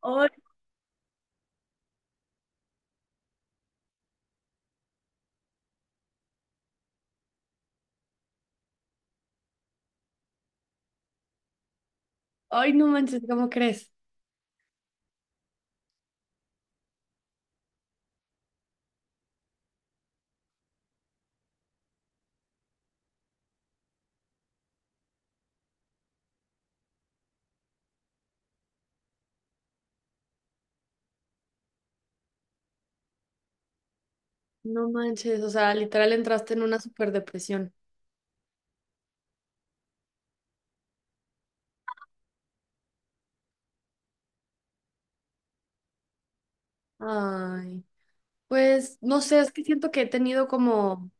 Hoy, hoy no manches, ¿cómo crees? No manches, o sea, literal entraste en una super depresión. Ay, pues no sé, es que siento que he tenido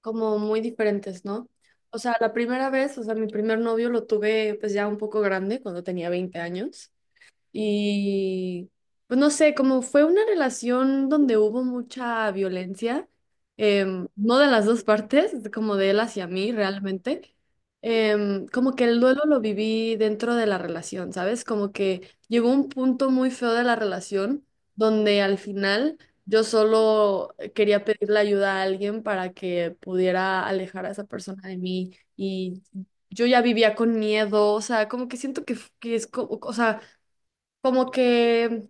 como muy diferentes, ¿no? O sea, la primera vez, o sea, mi primer novio lo tuve pues ya un poco grande, cuando tenía 20 años. Y pues no sé, como fue una relación donde hubo mucha violencia, no de las dos partes, como de él hacia mí realmente. Como que el duelo lo viví dentro de la relación, ¿sabes? Como que llegó un punto muy feo de la relación donde al final yo solo quería pedirle ayuda a alguien para que pudiera alejar a esa persona de mí, y yo ya vivía con miedo. O sea, como que siento que es como, o sea como que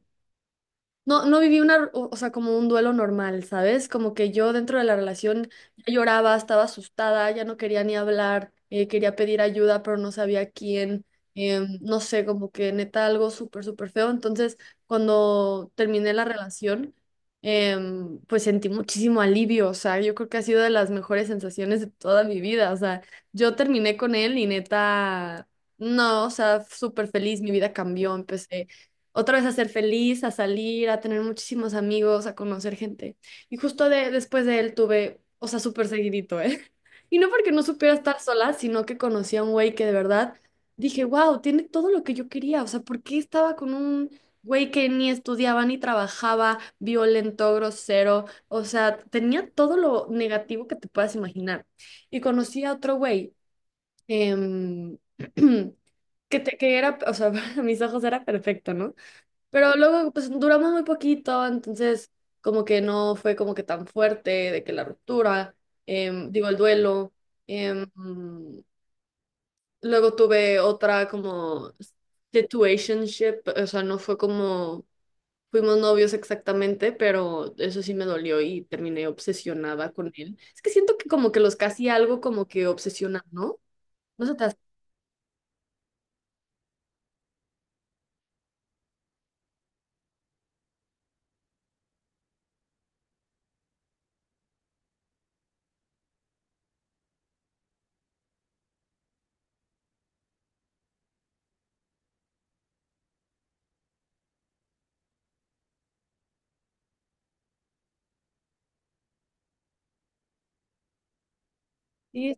no viví una, o sea, como un duelo normal, ¿sabes? Como que yo dentro de la relación ya lloraba, estaba asustada, ya no quería ni hablar, quería pedir ayuda, pero no sabía a quién. No sé, como que neta algo súper, súper feo. Entonces, cuando terminé la relación, pues sentí muchísimo alivio. O sea, yo creo que ha sido de las mejores sensaciones de toda mi vida. O sea, yo terminé con él y neta... No, o sea, súper feliz, mi vida cambió, empecé otra vez a ser feliz, a salir, a tener muchísimos amigos, a conocer gente. Y justo de, después de él tuve, o sea, súper seguidito, ¿eh? Y no porque no supiera estar sola, sino que conocí a un güey que de verdad dije, wow, tiene todo lo que yo quería. O sea, ¿por qué estaba con un güey que ni estudiaba ni trabajaba, violento, grosero? O sea, tenía todo lo negativo que te puedas imaginar. Y conocí a otro güey. em, que era, o sea, a mis ojos era perfecto, ¿no? Pero luego, pues duramos muy poquito, entonces como que no fue como que tan fuerte de que la ruptura. Digo, el duelo. em, Luego tuve otra como situationship, o sea, no fue como fuimos novios exactamente, pero eso sí me dolió y terminé obsesionada con él. Es que siento que como que los casi algo como que obsesionan, ¿no? No se te hace. Sí.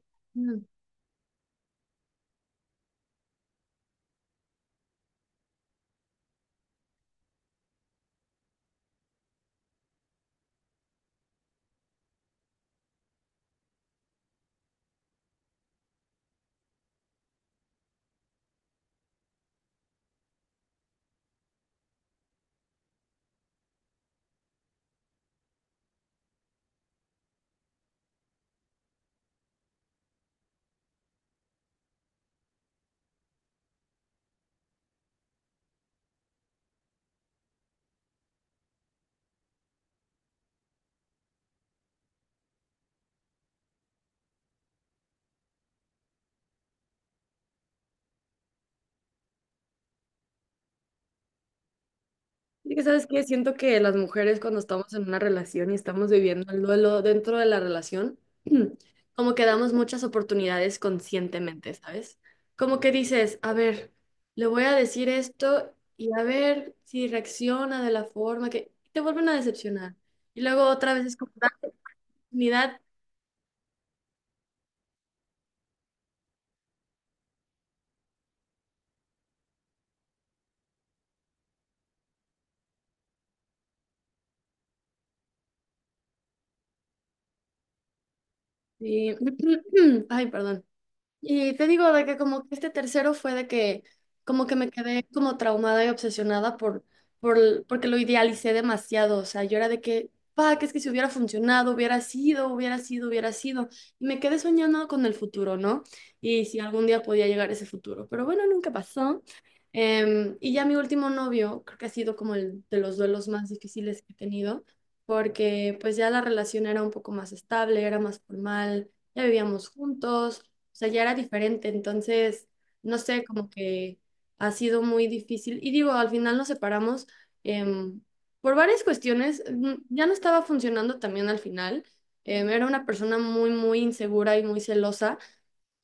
Y que sabes que siento que las mujeres cuando estamos en una relación y estamos viviendo el duelo dentro de la relación, como que damos muchas oportunidades conscientemente, ¿sabes? Como que dices, a ver, le voy a decir esto y a ver si reacciona de la forma que te vuelven a decepcionar. Y luego otra vez es como dar oportunidad y, ay, perdón. Y te digo de que como que este tercero fue de que como que me quedé como traumada y obsesionada porque lo idealicé demasiado. O sea, yo era de que, pa, que es que si hubiera funcionado, hubiera sido, y me quedé soñando con el futuro, ¿no? Y si algún día podía llegar ese futuro, pero bueno, nunca pasó. Y ya mi último novio, creo que ha sido como el de los duelos más difíciles que he tenido, porque pues ya la relación era un poco más estable, era más formal, ya vivíamos juntos. O sea, ya era diferente. Entonces, no sé, como que ha sido muy difícil. Y digo, al final nos separamos em, por varias cuestiones. Ya no estaba funcionando también al final. Era una persona muy insegura y muy celosa,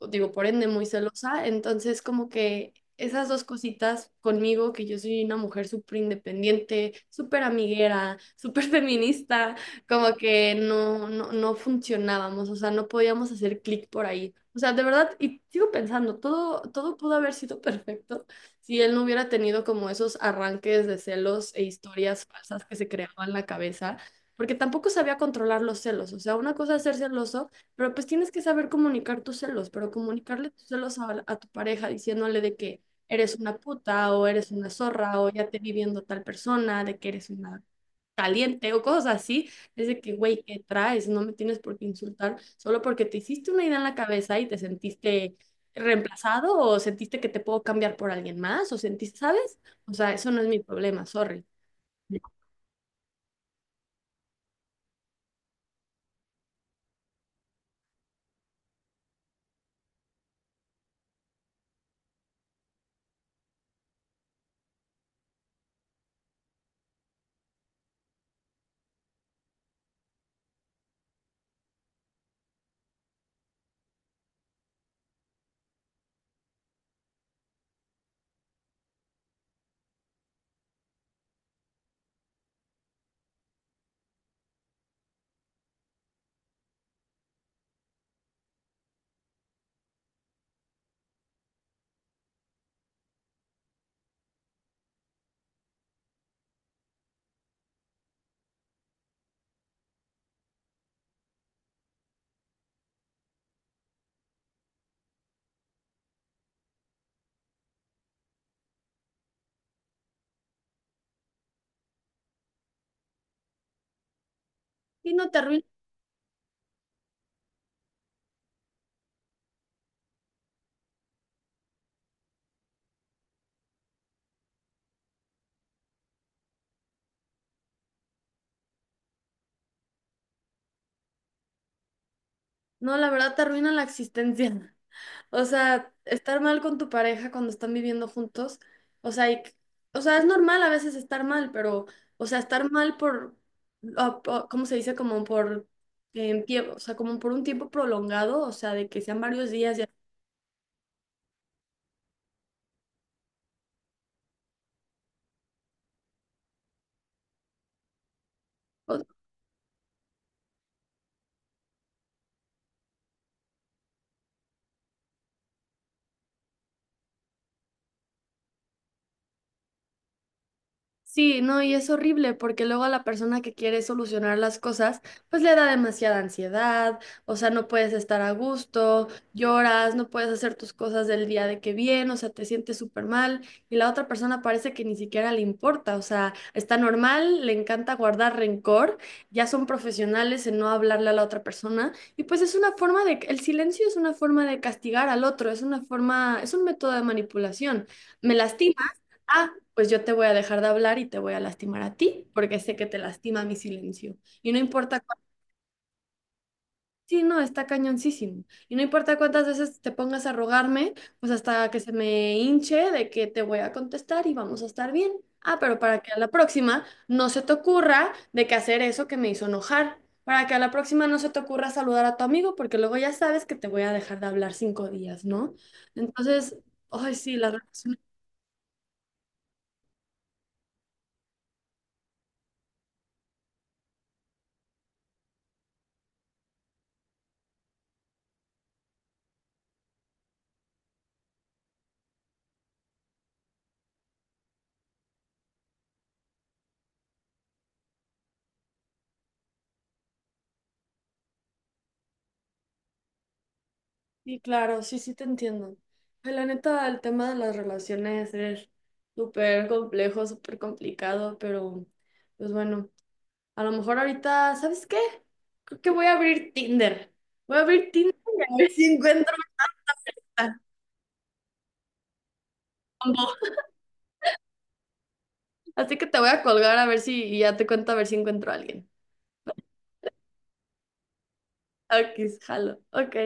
digo, por ende muy celosa. Entonces como que esas dos cositas conmigo, que yo soy una mujer súper independiente, súper amiguera, súper feminista, como que no funcionábamos. O sea, no podíamos hacer clic por ahí. O sea, de verdad, y sigo pensando, todo pudo haber sido perfecto si él no hubiera tenido como esos arranques de celos e historias falsas que se creaban en la cabeza, porque tampoco sabía controlar los celos. O sea, una cosa es ser celoso, pero pues tienes que saber comunicar tus celos, pero comunicarle tus celos a tu pareja diciéndole de que eres una puta o eres una zorra o ya te vi viendo tal persona, de que eres una caliente o cosas así. Es de que, güey, ¿qué traes? No me tienes por qué insultar solo porque te hiciste una idea en la cabeza y te sentiste reemplazado o sentiste que te puedo cambiar por alguien más o sentiste, ¿sabes? O sea, eso no es mi problema, sorry. Y no te arruines. No, la verdad te arruinan la existencia. O sea, estar mal con tu pareja cuando están viviendo juntos, o sea, o sea, es normal a veces estar mal, pero, o sea, estar mal ¿cómo se dice? O sea, como por un tiempo prolongado, o sea, de que sean varios días ya. Sí, no, y es horrible porque luego a la persona que quiere solucionar las cosas, pues le da demasiada ansiedad. O sea, no puedes estar a gusto, lloras, no puedes hacer tus cosas del día de que bien. O sea, te sientes súper mal y la otra persona parece que ni siquiera le importa. O sea, está normal, le encanta guardar rencor, ya son profesionales en no hablarle a la otra persona, y pues es una forma de, el silencio es una forma de castigar al otro, es una forma, es un método de manipulación, me lastima, ah, pues yo te voy a dejar de hablar y te voy a lastimar a ti, porque sé que te lastima mi silencio. Y no importa, sí, no, está cañoncísimo. Y no importa cuántas veces te pongas a rogarme, pues hasta que se me hinche de que te voy a contestar y vamos a estar bien. Ah, pero para que a la próxima no se te ocurra de que hacer eso que me hizo enojar. Para que a la próxima no se te ocurra saludar a tu amigo, porque luego ya sabes que te voy a dejar de hablar 5 días, ¿no? Entonces, ay, sí, las relaciones. Sí, claro, sí te entiendo. Ay, la neta, el tema de las relaciones es súper complejo, súper complicado, pero pues bueno, a lo mejor ahorita, ¿sabes qué? Creo que voy a abrir Tinder. Voy a abrir Tinder y a ver si encuentro a combo. Así que te voy a colgar a ver si y ya te cuento a ver si encuentro a alguien. Ok, jalo. Ok.